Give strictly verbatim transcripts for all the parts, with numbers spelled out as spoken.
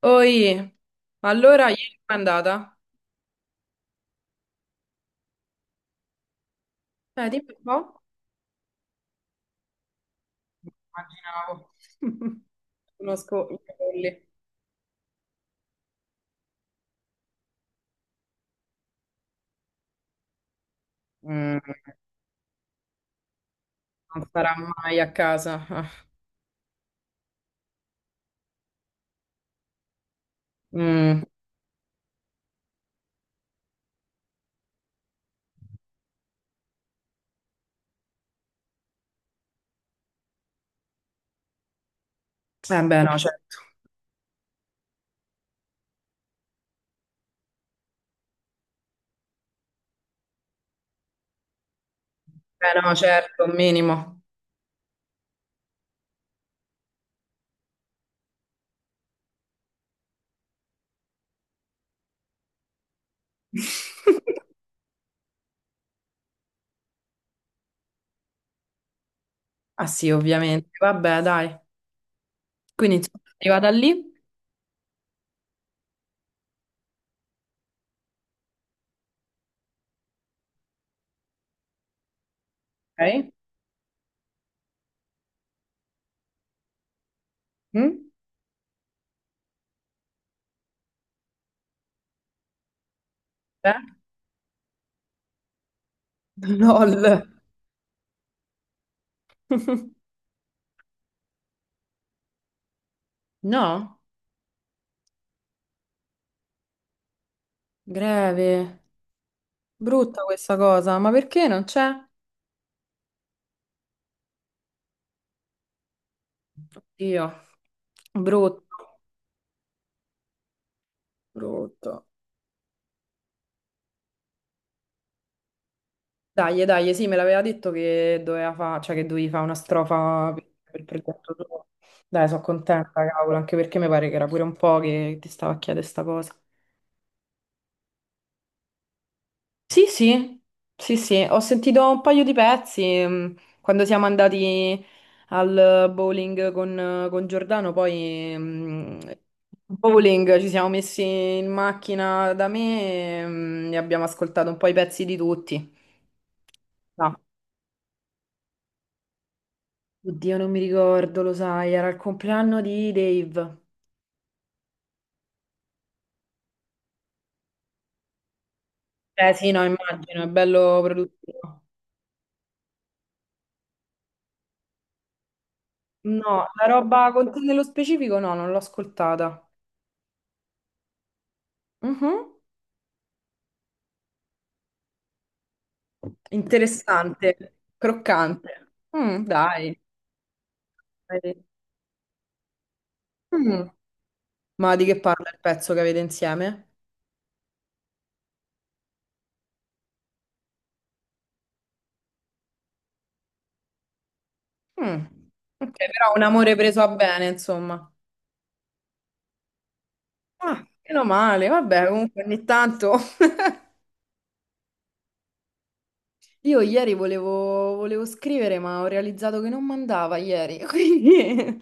Oi, allora ieri com'è andata? Eh, dimmi un po'. Immaginavo. Conosco i capelli. Mm, Non sarà mai a casa. Ah. Mm, Eh beh, no, cer- eh, no, certo, un minimo. Ah sì, ovviamente. Vabbè, dai. Quindi insomma, è arrivata lì. Ok. Mm? Beh. LOL. No, greve. Brutta questa cosa, ma perché non c'è? Oddio, brutto, brutto. Dai, dai, sì, me l'aveva detto che doveva fa, cioè che dovevi fare una strofa per per il progetto tuo. Dai, sono contenta, cavolo, anche perché mi pare che era pure un po' che ti stava a chiedere sta cosa. Sì, sì, sì, sì, ho sentito un paio di pezzi mh, quando siamo andati al bowling con, con Giordano, poi mh, bowling ci siamo messi in macchina da me e, mh, e abbiamo ascoltato un po' i pezzi di tutti. No, oddio, non mi ricordo, lo sai, era il compleanno di Dave. Eh sì, no, immagino, è bello produttivo. No, la roba con te nello specifico no, non l'ho ascoltata. Mhm. Interessante, croccante. Mm, dai. Dai. Mm. Ma di che parla il pezzo che avete insieme? Mm. Ok, però un amore preso a bene, insomma. Ah, meno male, vabbè, comunque ogni tanto. Io ieri volevo, volevo scrivere, ma ho realizzato che non mandava ieri, quindi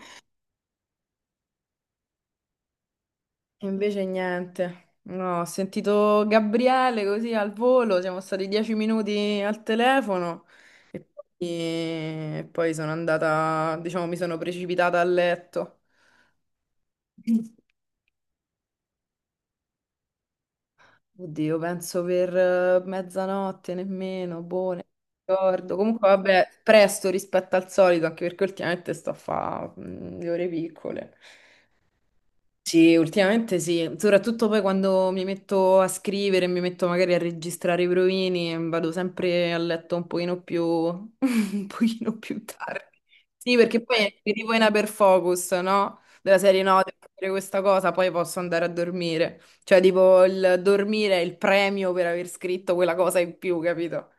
invece niente. No, ho sentito Gabriele così al volo, siamo stati dieci minuti al telefono e poi, e poi sono andata, diciamo, mi sono precipitata a letto. Oddio, penso per eh, mezzanotte nemmeno, boh, non ricordo. Comunque vabbè, presto rispetto al solito, anche perché ultimamente sto a fare le ore piccole. Sì, ultimamente sì, soprattutto poi quando mi metto a scrivere, mi metto magari a registrare i provini, vado sempre a letto un pochino più, un pochino più tardi. Sì, perché poi scrivo in hyperfocus, no? Della serie no, devo fare questa cosa, poi posso andare a dormire. Cioè, tipo, il dormire è il premio per aver scritto quella cosa in più, capito?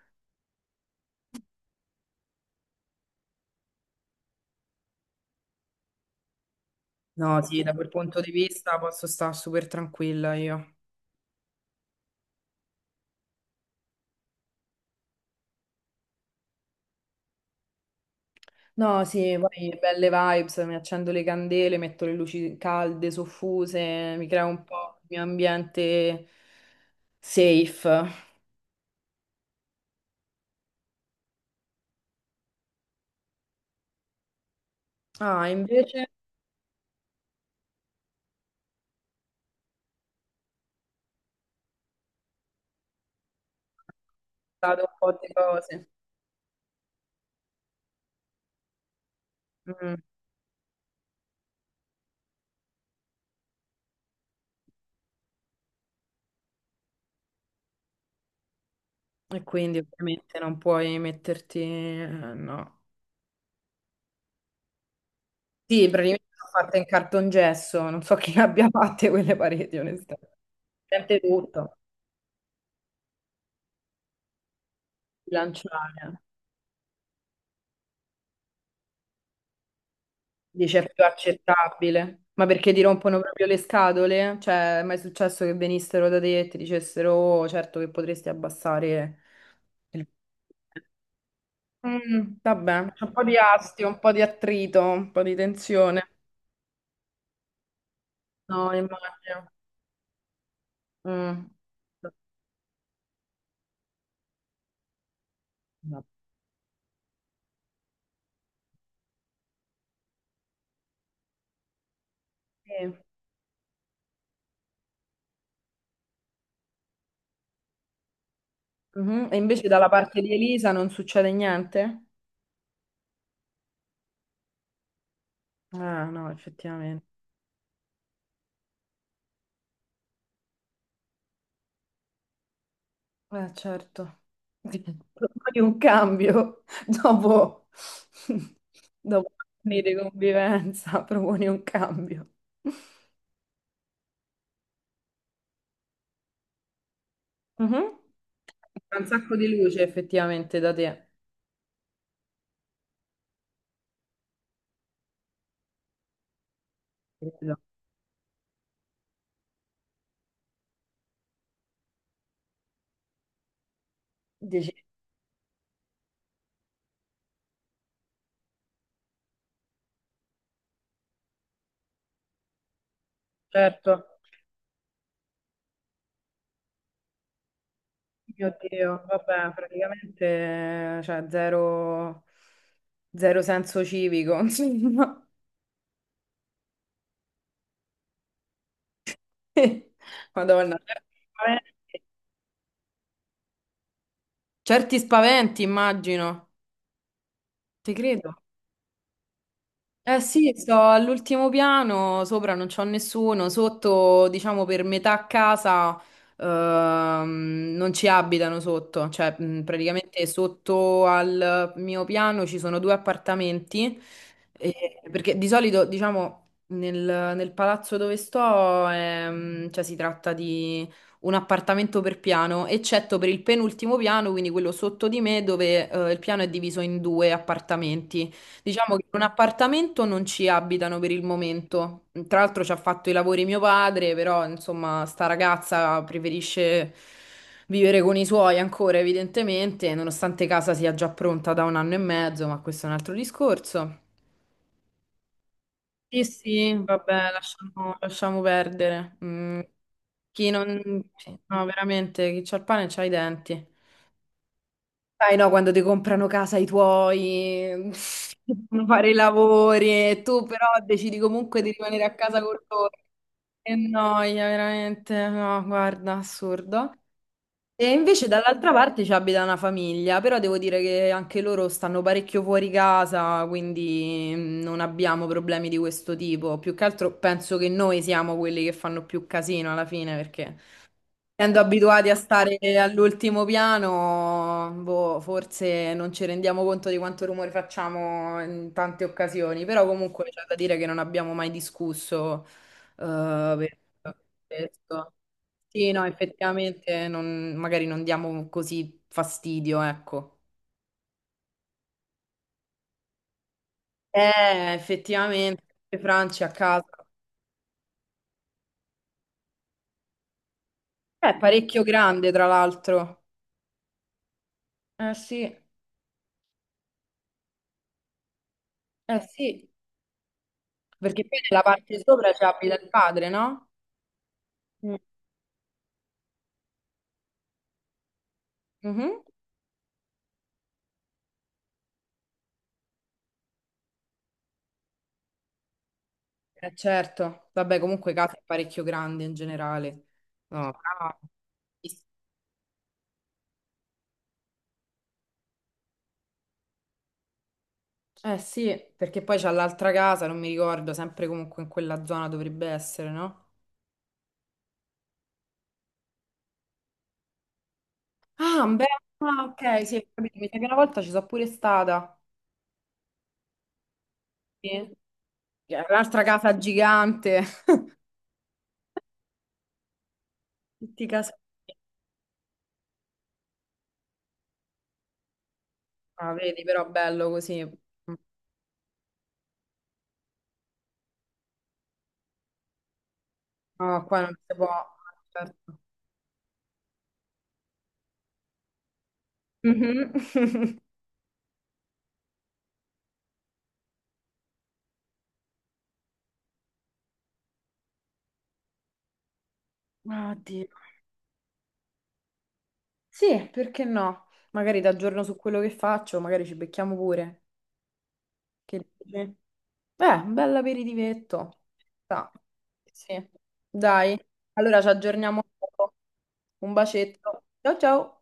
No, sì, da quel punto di vista posso stare super tranquilla io. No, sì, poi belle vibes, mi accendo le candele, metto le luci calde, soffuse, mi creo un po' il mio ambiente safe. Ah, invece ho stato un po' di cose. Mm. E quindi ovviamente non puoi metterti, eh, no. Sì, praticamente sono fatte in cartongesso, non so chi le abbia fatte quelle pareti, onestamente. Sente tutto, bilanciare. Dice è più accettabile. Ma perché ti rompono proprio le scatole? Cioè, è mai successo che venissero da te e ti dicessero, "Oh, certo che potresti abbassare il." Mm, vabbè, c'è un po' di astio, un po' di attrito, un po' di tensione. No, immagino. Mm. No. Sì. Mhm. E invece dalla parte di Elisa non succede niente? Ah, no, effettivamente. Eh, certo. Proponi un cambio dopo, dopo anni di convivenza, proponi un cambio. Mhm. Fa Un sacco di luce effettivamente da te. Credo. Dici, certo. Mio Dio, vabbè, praticamente cioè, zero, zero senso civico, insomma. Madonna, certi spaventi, certi spaventi, immagino. Ti credo. Eh sì, sto all'ultimo piano, sopra non c'ho nessuno, sotto, diciamo, per metà casa ehm, non ci abitano sotto, cioè mh, praticamente sotto al mio piano ci sono due appartamenti, eh, perché di solito, diciamo, nel, nel palazzo dove sto, ehm, cioè, si tratta di un appartamento per piano, eccetto per il penultimo piano, quindi quello sotto di me, dove eh, il piano è diviso in due appartamenti. Diciamo che in un appartamento non ci abitano per il momento. Tra l'altro ci ha fatto i lavori mio padre, però insomma sta ragazza preferisce vivere con i suoi ancora, evidentemente, nonostante casa sia già pronta da un anno e mezzo, ma questo è un altro discorso. Sì, sì, vabbè, lasciamo, lasciamo perdere. Mm. chi non... Sì, no, veramente, chi c'ha il pane c'ha i denti. Sai, no, quando ti comprano casa i tuoi, devono fare i lavori e tu però decidi comunque di rimanere a casa con loro. Che noia, veramente. No, guarda, assurdo. E invece dall'altra parte ci abita una famiglia, però devo dire che anche loro stanno parecchio fuori casa, quindi mm, non abbiamo problemi di questo tipo. Più che altro penso che noi siamo quelli che fanno più casino alla fine, perché. Essendo abituati a stare all'ultimo piano, boh, forse non ci rendiamo conto di quanto rumore facciamo in tante occasioni, però comunque c'è da dire che non abbiamo mai discusso eh, per questo. Sì, no, effettivamente non- magari non diamo così fastidio, ecco. Eh, effettivamente, Franci a casa. eh, È parecchio grande, tra l'altro. Eh sì, eh sì, perché poi nella parte sopra c'è abita il padre, no? Mhm. Eh, certo, vabbè, comunque casa è parecchio grande in generale. No, ah, eh sì, perché poi c'è l'altra casa, non mi ricordo, sempre comunque in quella zona dovrebbe essere, no? Ah, beh, ah, ok, sì, ho capito, mi sa che una volta ci sono pure stata. Sì. Che è L'altra casa gigante, tutti i casi. Ah, vedi, però bello così. No, qua non si può. Certo. Mhm. Ah, Dio. Sì, perché no? Magari ti aggiorno su quello che faccio, magari ci becchiamo pure. Che dici? Eh, un bel aperitivetto. Sa. Sì. Dai, allora ci aggiorniamo. dopo. Un bacetto. Ciao ciao.